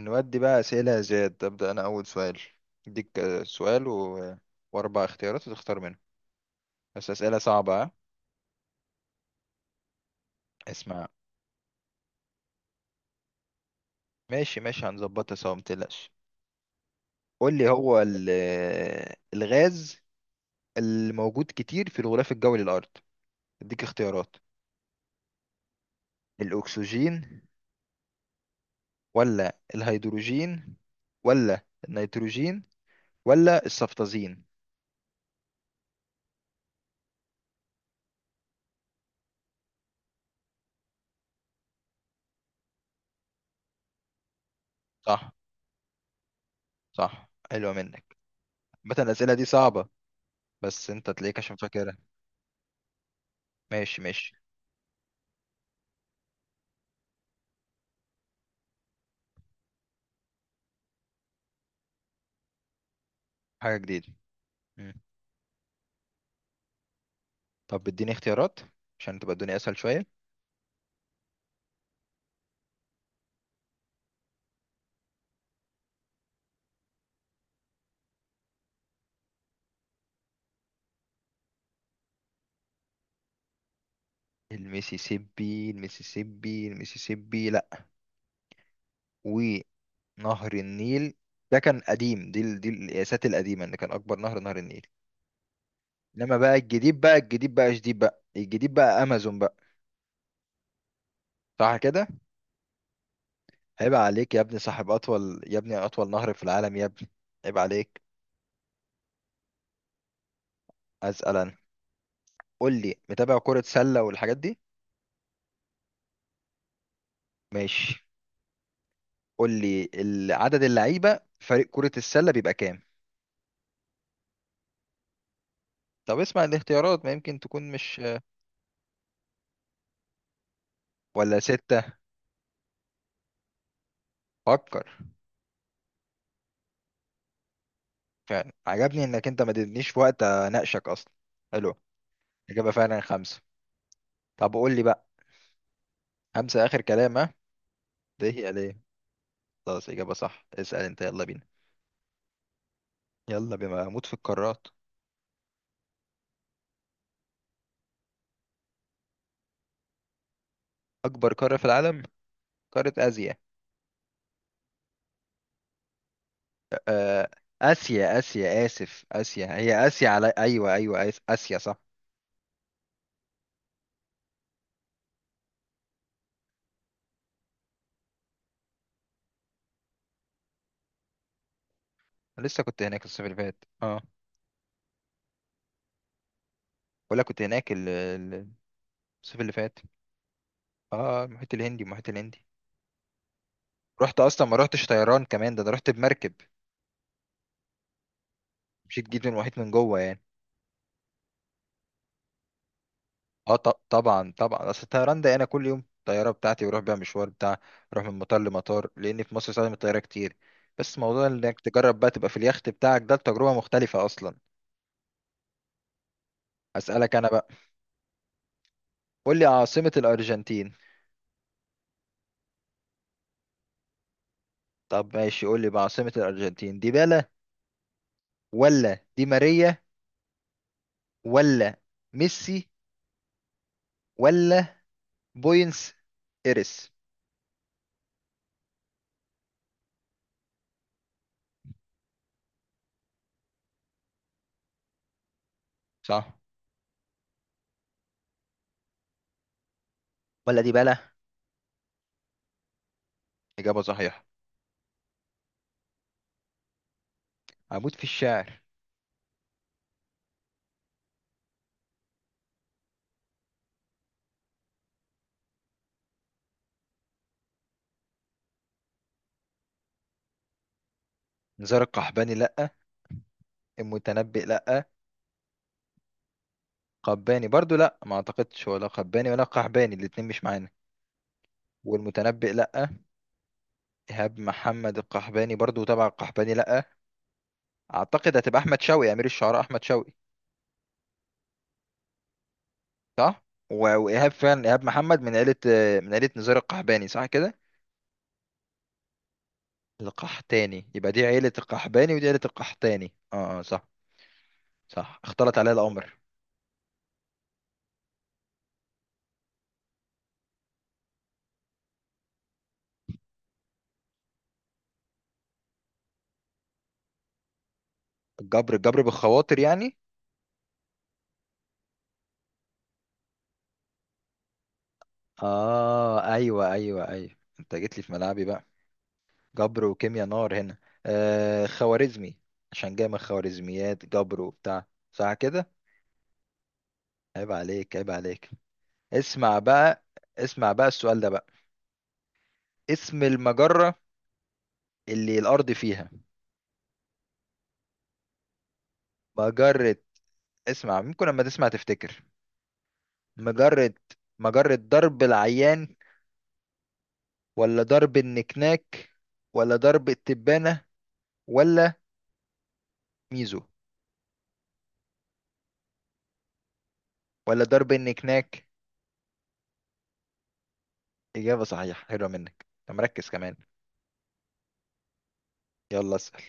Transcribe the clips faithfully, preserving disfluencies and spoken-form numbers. نودي بقى أسئلة يا زياد، أبدأ أنا أول سؤال. أديك آه، سؤال و... وأربع اختيارات وتختار منهم. بس أسئلة صعبة ها. اسمع، ماشي ماشي هنظبطها سوا، متقلقش. قول لي، هو ال... آه، الغاز الموجود كتير في الغلاف الجوي للأرض. أديك اختيارات: الأكسجين، ولا الهيدروجين، ولا النيتروجين، ولا الصفتازين؟ صح صح حلوة منك. مثلا الأسئلة دي صعبة، بس أنت تلاقيك عشان فاكرها. ماشي ماشي. حاجة جديدة. طب اديني اختيارات عشان تبقى الدنيا اسهل شويه. الميسيسيبي الميسيسيبي الميسيسيبي لا. ونهر النيل ده كان قديم، دي ال- دي القياسات القديمه، ان كان اكبر نهر نهر النيل. انما بقى الجديد، بقى الجديد بقى شديد، بقى الجديد بقى امازون بقى. صح كده. عيب عليك يا ابني، صاحب اطول يا ابني، اطول نهر في العالم يا ابني، عيب عليك. اسال انا. قول لي، متابع كره سله والحاجات دي؟ ماشي، قول لي ال- عدد اللعيبه في فريق كره السله بيبقى كام؟ طب اسمع الاختيارات ما يمكن تكون مش. ولا ستة؟ فكر. فعلا عجبني انك انت ما ادتنيش وقت اناقشك اصلا. حلو. اجابة فعلا خمسة. طب قول لي بقى، خمسة اخر كلام ها؟ ده هي ليه. خلاص اجابة صح، اسأل انت، يلا بينا. يلا، بما اموت في القارات. اكبر قارة في العالم، قارة اسيا. آه، اسيا اسيا اسف، اسيا هي اسيا على، ايوه ايوه، آس- اسيا، صح. لسه كنت هناك الصيف اللي فات، اه. ولا كنت هناك ال- ال- الصيف اللي فات. اه، المحيط الهندي المحيط الهندي رحت اصلا، ما رحتش طيران كمان، ده انا رحت بمركب. مشيت، جيت من المحيط من جوه يعني. اه، ط- طبعا طبعا، اصل الطيران ده انا كل يوم الطياره بتاعتي بروح بيها مشوار بتاع. بروح من مطار لمطار، لان في مصر استخدم الطياره كتير. بس موضوع انك تجرب بقى تبقى في اليخت بتاعك، ده تجربه مختلفه اصلا. اسالك انا بقى. قول لي عاصمه الارجنتين. طب ماشي، قول لي بقى، عاصمه الارجنتين ديبالا، ولا دي ماريا، ولا ميسي، ولا بوينس ايرس؟ صح، ولا ديبالا؟ اجابه صحيحه. هموت في الشعر. نزار القحباني لأ، المتنبئ لأ، قباني برضو لأ، ما أعتقدش، ولا قباني ولا قحباني الاتنين مش معانا، والمتنبئ لأ، إيهاب محمد القحباني برضو تبع القحباني لأ. أعتقد هتبقى أحمد شوقي، أمير الشعراء أحمد شوقي. صح. و- وإيهاب فعلا، إيهاب محمد من عيلة، آه، من عيلة نزار القحباني، صح كده. القحتاني، يبقى دي عيلة القحباني ودي عيلة القحتاني. اه، آه، صح. صح، اختلط عليا الأمر. الجبر، الجبر بالخواطر يعني؟ اه، ايوه ايوه ايوه انت جيت لي في ملعبي بقى، جبر وكيمياء، نار هنا. آه، خوارزمي، عشان جاي من خوارزميات، جبر وبتاع، صح كده. عيب عليك، عيب عليك. اسمع بقى، اسمع بقى السؤال ده بقى. اسم المجرة اللي الأرض فيها. مجرة، اسمع، ممكن لما تسمع تفتكر. مجرة، مجرة درب العيان، ولا درب النكناك، ولا درب التبانة، ولا ميزو، ولا درب النكناك؟ إجابة صحيحة، حلوة منك، أنت مركز كمان. يلا اسأل.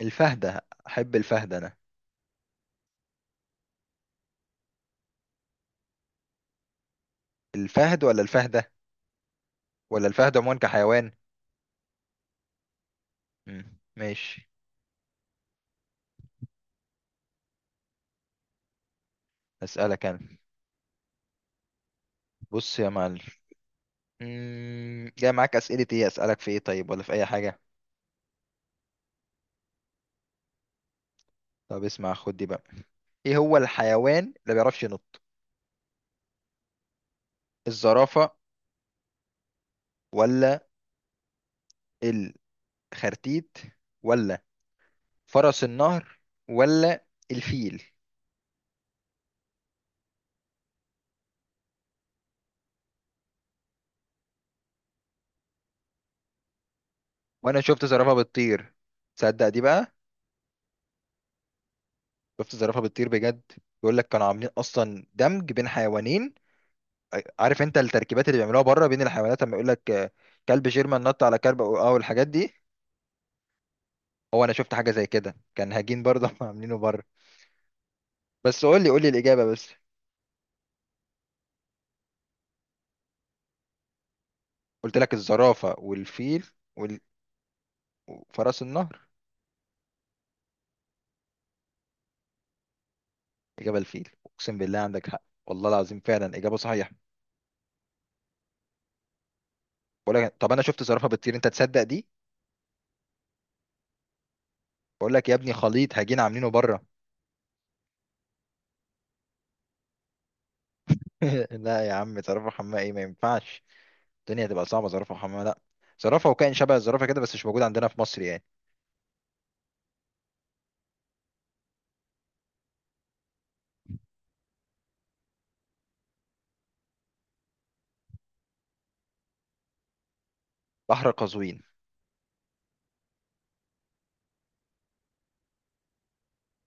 الفهدة، أحب الفهد أنا. الفهد ولا الفهدة، ولا الفهد عموما كحيوان؟ مم. ماشي. أسألك أنا. بص يا معلم، مم، جاي معاك أسئلة إيه، أسألك في إيه؟ طيب ولا في أي حاجة؟ طب اسمع، خد دي بقى. إيه هو الحيوان اللي ما بيعرفش ينط؟ الزرافة، ولا الخرتيت، ولا فرس النهر، ولا الفيل؟ وأنا شفت زرافة بتطير، تصدق دي بقى؟ شفت زرافة بتطير بجد. بيقول لك كانوا عاملين أصلا دمج بين حيوانين. عارف انت التركيبات اللي بيعملوها بره بين الحيوانات، لما يقول لك كلب جيرمان نط على كلب، او أو الحاجات دي. هو انا شفت حاجه زي كده، كان هجين برضه هم عاملينه بره. بس قول لي قول لي الاجابه بس. قلت لك الزرافه والفيل وال- وفرس النهر. اجابه الفيل، اقسم بالله عندك حق، والله العظيم فعلا اجابه صحيحه. بقول لك، طب انا شفت زرافه بتطير، انت تصدق دي؟ بقول لك يا ابني، خليط هجين عاملينه بره. لا يا عم، زرافه حمامه ايه، ما ينفعش. الدنيا هتبقى صعبه، زرافه حمامه، لا. زرافه وكائن شبه الزرافه كده، بس مش موجود عندنا في مصر يعني. بحر قزوين.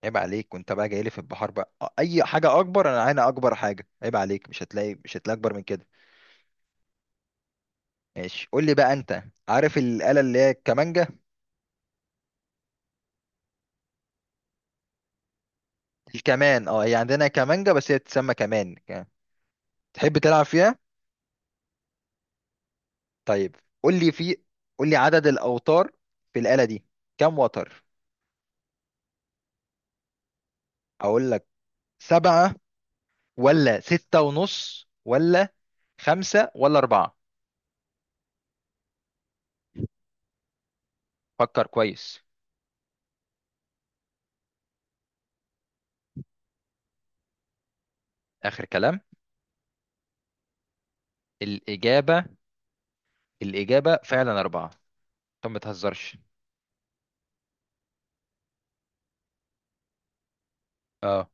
عيب عليك، وانت بقى جاي لي في البحار بقى، أ- اي حاجه اكبر انا، انا اكبر حاجه، عيب عليك، مش هتلاقي مش هتلاقي اكبر من كده. ماشي، قول لي بقى، انت عارف الاله اللي هي الكمانجه؟ الكمان، اه، هي عندنا كمانجه بس هي تسمى كمان ك- تحب تلعب فيها؟ طيب، قول لي في، قول لي عدد الاوتار في الاله دي، كم وتر؟ اقول لك، سبعة، ولا ستة ونص، ولا خمسة، ولا أربعة؟ فكر كويس. آخر كلام. الإجابة، الإجابة فعلا أربعة. طب ما تهزرش. آه.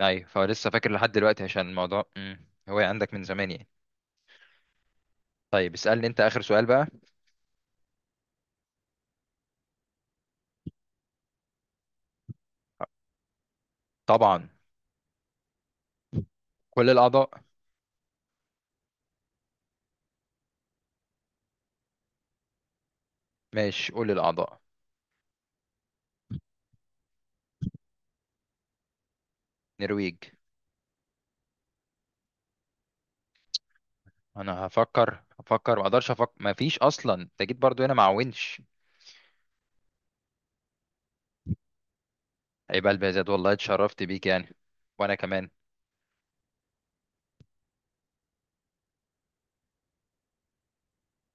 ايوه، فهو لسه فاكر لحد دلوقتي عشان الموضوع، مم، هو عندك من زمان يعني. طيب اسألني انت اخر سؤال بقى. طبعا. كل الاعضاء. ماشي، قول الاعضاء. نرويج. انا هفكر هفكر، ما اقدرش افكر، ما فيش اصلا، انت جيت برضو هنا مع ونش. عيب قلبي يا زياد، والله اتشرفت بيك يعني. وانا كمان.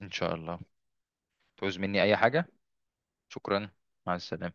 ان شاء الله. تعوز مني اي حاجة؟ شكرا. مع السلامة.